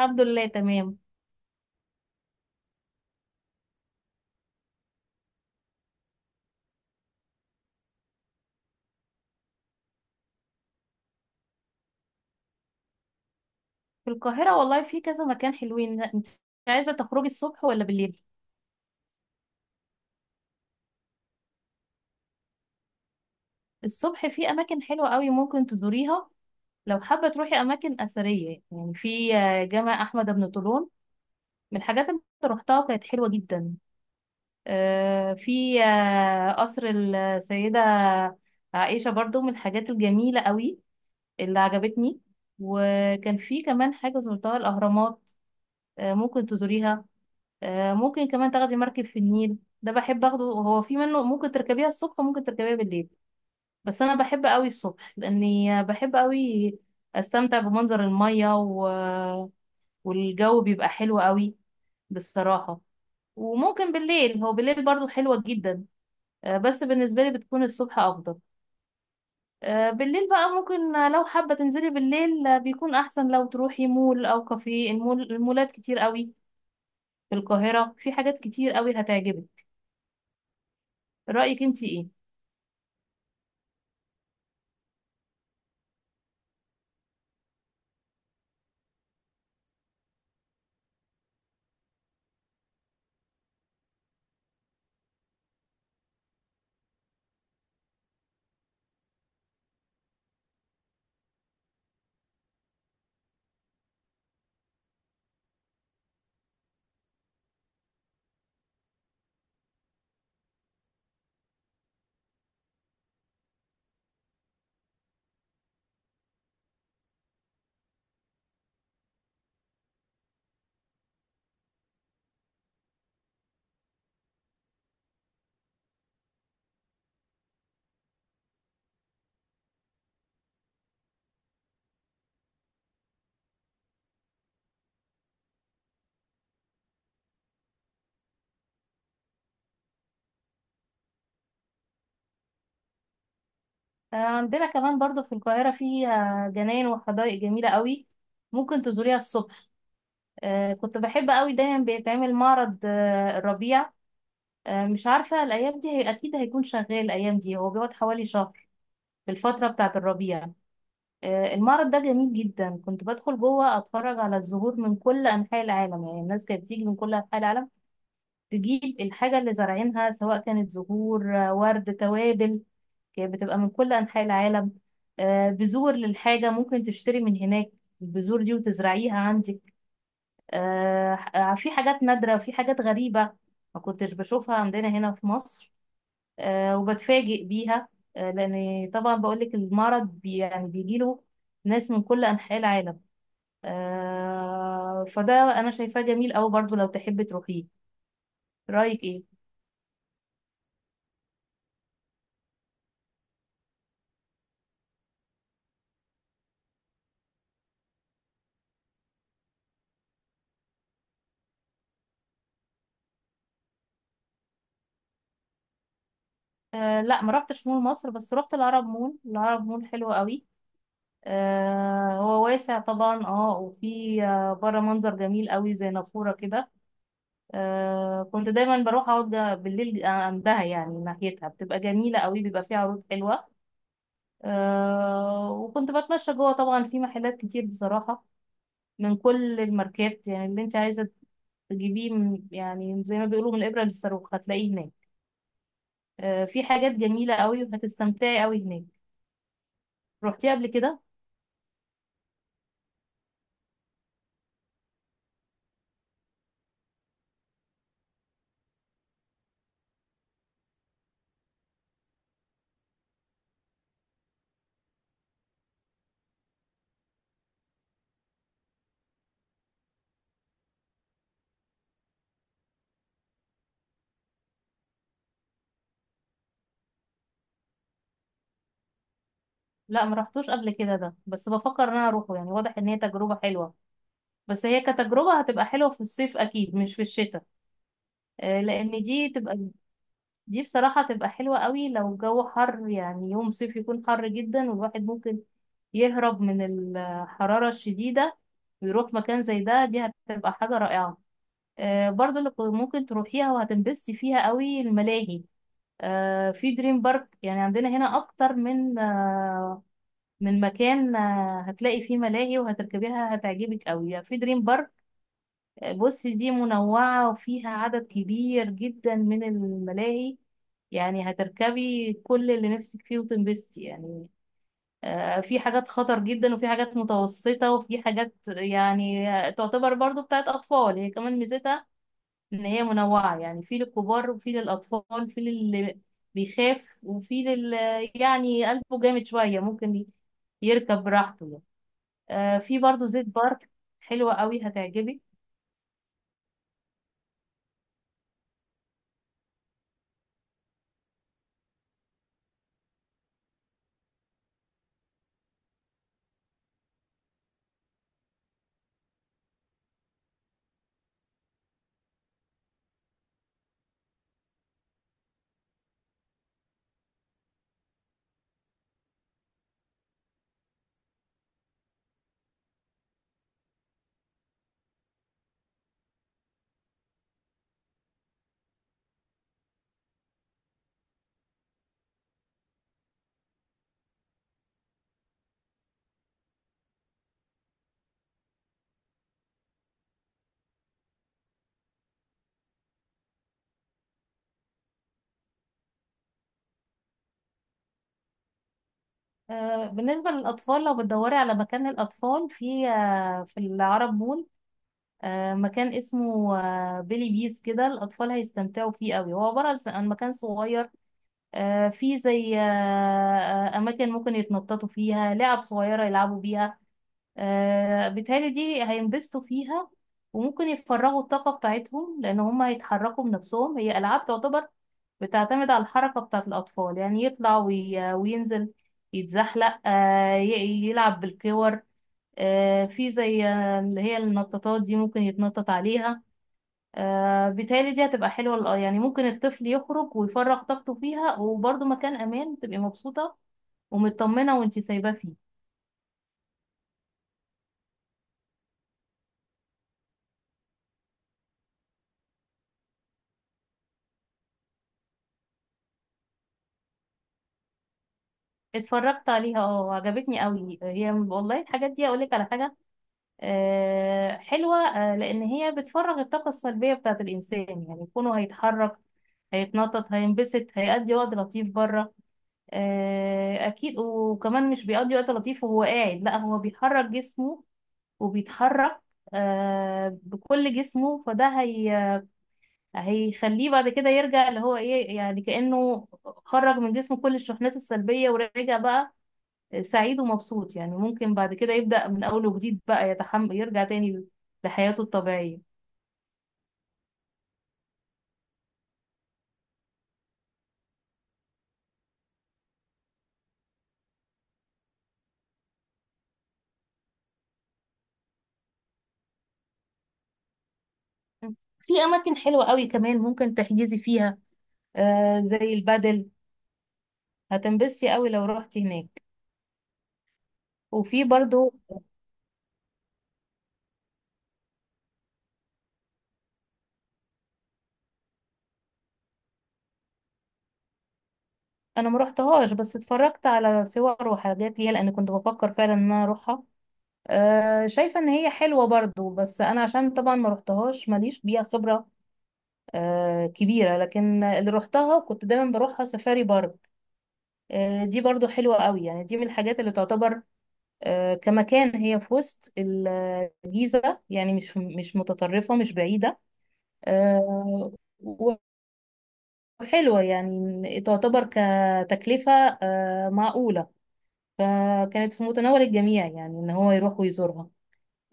الحمد لله تمام. في القاهرة والله في كذا مكان حلوين. انت عايزة تخرجي الصبح ولا بالليل؟ الصبح في اماكن حلوة قوي ممكن تزوريها. لو حابة تروحي اماكن اثرية يعني في جامع احمد بن طولون، من الحاجات اللي أنا روحتها وكانت حلوة جدا. في قصر السيدة عائشة برضو من الحاجات الجميلة قوي اللي عجبتني. وكان في كمان حاجة زرتها الاهرامات. ممكن تزوريها. ممكن كمان تاخدي مركب في النيل، ده بحب اخده، هو في منه ممكن تركبيها الصبح وممكن تركبيها بالليل. بس انا بحب قوي الصبح لاني بحب قوي استمتع بمنظر المية والجو بيبقى حلو قوي بصراحة. وممكن بالليل، هو بالليل برضو حلوة جدا. بس بالنسبة لي بتكون الصبح افضل. بالليل بقى ممكن، لو حابة تنزلي بالليل بيكون احسن لو تروحي مول او كافيه، المول، المولات كتير قوي في القاهرة، في حاجات كتير قوي هتعجبك. رأيك انتي ايه؟ عندنا كمان برضو في القاهرة فيها جناين وحدائق جميلة قوي، ممكن تزوريها الصبح. كنت بحب قوي، دايما بيتعمل معرض الربيع. مش عارفة الأيام دي، هي أكيد هيكون شغال الأيام دي، هو بيقعد حوالي شهر في الفترة بتاعة الربيع. المعرض ده جميل جدا، كنت بدخل جوه أتفرج على الزهور من كل أنحاء العالم، يعني الناس كانت بتيجي من كل أنحاء العالم تجيب الحاجة اللي زارعينها، سواء كانت زهور ورد، توابل، بتبقى من كل أنحاء العالم. بذور للحاجة ممكن تشتري من هناك البذور دي وتزرعيها عندك. في حاجات نادرة وفي حاجات غريبة ما كنتش بشوفها عندنا هنا في مصر، وبتفاجئ بيها. لأن طبعا بقولك، المرض بي يعني بيجيله ناس من كل أنحاء العالم. فده أنا شايفاه جميل أوي، برضو لو تحبي تروحيه. رأيك إيه؟ آه لا ما رحتش مول مصر، بس رحت العرب مول. العرب مول حلو قوي، هو واسع طبعا، اه وفي بره منظر جميل قوي زي نافورة كده. كنت دايما بروح اقعد بالليل عندها، يعني ناحيتها بتبقى جميلة قوي، بيبقى فيها عروض حلوة. وكنت بتمشى جوه طبعا، في محلات كتير بصراحة من كل الماركات، يعني اللي انت عايزة تجيبيه يعني زي ما بيقولوا، من الإبرة للصاروخ هتلاقيه هناك. في حاجات جميلة قوي وهتستمتعي قوي هناك. رحتيه قبل كده؟ لا ما رحتوش قبل كده ده، بس بفكر ان انا اروحه، يعني واضح ان هي تجربة حلوة. بس هي كتجربة هتبقى حلوة في الصيف أكيد، مش في الشتاء. لأن دي تبقى، دي بصراحة تبقى حلوة قوي لو الجو حر، يعني يوم صيف يكون حر جدا والواحد ممكن يهرب من الحرارة الشديدة ويروح مكان زي ده، دي هتبقى حاجة رائعة. برضو اللي ممكن تروحيها وهتنبسطي فيها قوي الملاهي. في دريم بارك، يعني عندنا هنا أكتر من من مكان، هتلاقي فيه ملاهي وهتركبيها هتعجبك قوي، يعني في دريم بارك بص دي منوعة وفيها عدد كبير جدا من الملاهي، يعني هتركبي كل اللي نفسك فيه وتنبسطي يعني. في حاجات خطر جدا وفي حاجات متوسطة وفي حاجات يعني تعتبر برضو بتاعت أطفال، هي كمان ميزتها إن هي منوعة، يعني في للكبار وفي للأطفال، في للي بيخاف وفي لل، يعني قلبه جامد شوية ممكن يركب براحته يعني. في برضو زيت بارك حلوة قوي هتعجبك. بالنسبة للأطفال، لو بتدوري على مكان للأطفال في في العرب مول مكان اسمه بيلي بيس كده، الأطفال هيستمتعوا فيه قوي، هو عبارة عن مكان صغير فيه زي أماكن ممكن يتنططوا فيها، لعب صغيرة يلعبوا بيها. بالتالي دي هينبسطوا فيها وممكن يفرغوا الطاقة بتاعتهم، لأن هم هيتحركوا بنفسهم، هي ألعاب تعتبر بتعتمد على الحركة بتاعة الأطفال، يعني يطلع وينزل، يتزحلق، يلعب بالكور. في زي اللي هي النطاطات دي ممكن يتنطط عليها. بالتالي دي هتبقى حلوة يعني ممكن الطفل يخرج ويفرغ طاقته فيها، وبرضه مكان أمان تبقي مبسوطة ومطمنة وانتي سايباه فيه. اتفرجت عليها اه، عجبتني قوي هي والله. الحاجات دي اقولك على حاجه، حلوه، لان هي بتفرغ الطاقه السلبيه بتاعه الانسان، يعني يكونوا هيتحرك، هيتنطط، هينبسط، هيقضي وقت لطيف بره. اكيد، وكمان مش بيقضي وقت لطيف وهو قاعد، لا هو بيحرك جسمه وبيتحرك بكل جسمه، فده هي هيخليه بعد كده يرجع اللي هو ايه، يعني كأنه خرج من جسمه كل الشحنات السلبية ورجع بقى سعيد ومبسوط، يعني ممكن بعد كده يبدأ من أول وجديد بقى، يتحمل يرجع تاني لحياته الطبيعية. في أماكن حلوة قوي كمان ممكن تحجزي فيها، آه زي البادل، هتنبسي قوي لو رحتي هناك. وفي برضو، أنا ما رحتهاش، بس اتفرجت على صور وحاجات ليها، لأن كنت بفكر فعلا إن أنا أروحها. آه شايفة إن هي حلوة برضو، بس أنا عشان طبعا ما رحتهاش ماليش بيها خبرة آه كبيرة. لكن اللي رحتها كنت دايما بروحها سفاري بارك. دي برضو حلوة قوي، يعني دي من الحاجات اللي تعتبر كمكان، هي في وسط الجيزة، يعني مش مش متطرفة مش بعيدة. آه، وحلوة يعني تعتبر كتكلفة معقولة، فكانت في متناول الجميع يعني ان هو يروح ويزورها.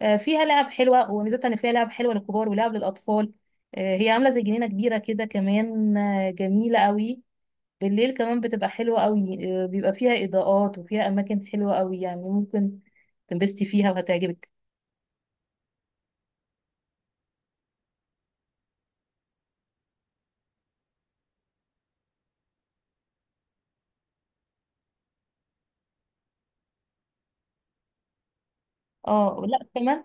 فيها لعب حلوة، وميزتها ان فيها لعب حلوة للكبار ولعب للأطفال. هي عاملة زي جنينة كبيرة كده، كمان جميلة قوي. بالليل كمان بتبقى حلوة قوي، بيبقى فيها إضاءات وفيها أماكن حلوة قوي، يعني ممكن تنبسطي فيها وهتعجبك. اه لا كمان.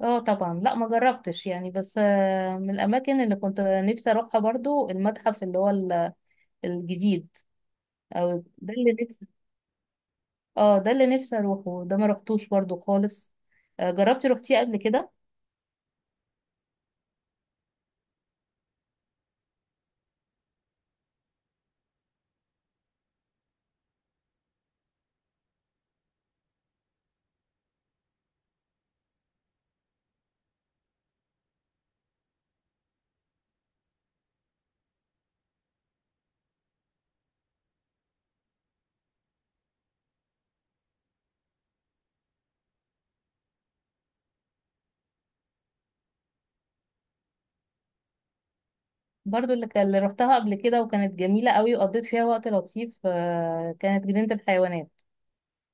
اه طبعا لا ما جربتش، يعني بس من الأماكن اللي كنت نفسي أروحها برضو المتحف اللي هو الجديد. أو ده اللي نفسي، اه ده اللي نفسي أروحه، ده ما روحتوش برضو خالص. جربتي روحتيه قبل كده؟ برضو اللي روحتها قبل كده وكانت جميلة قوي، وقضيت فيها وقت لطيف كانت جنينة الحيوانات.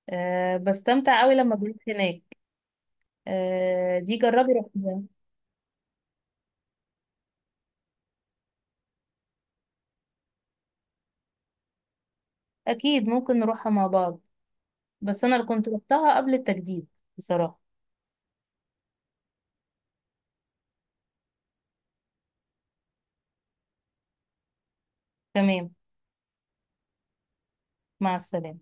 بستمتع قوي لما بروح هناك. دي جربي روحيها. اكيد ممكن نروحها مع بعض، بس انا اللي كنت روحتها قبل التجديد بصراحة. تمام. مع السلامة.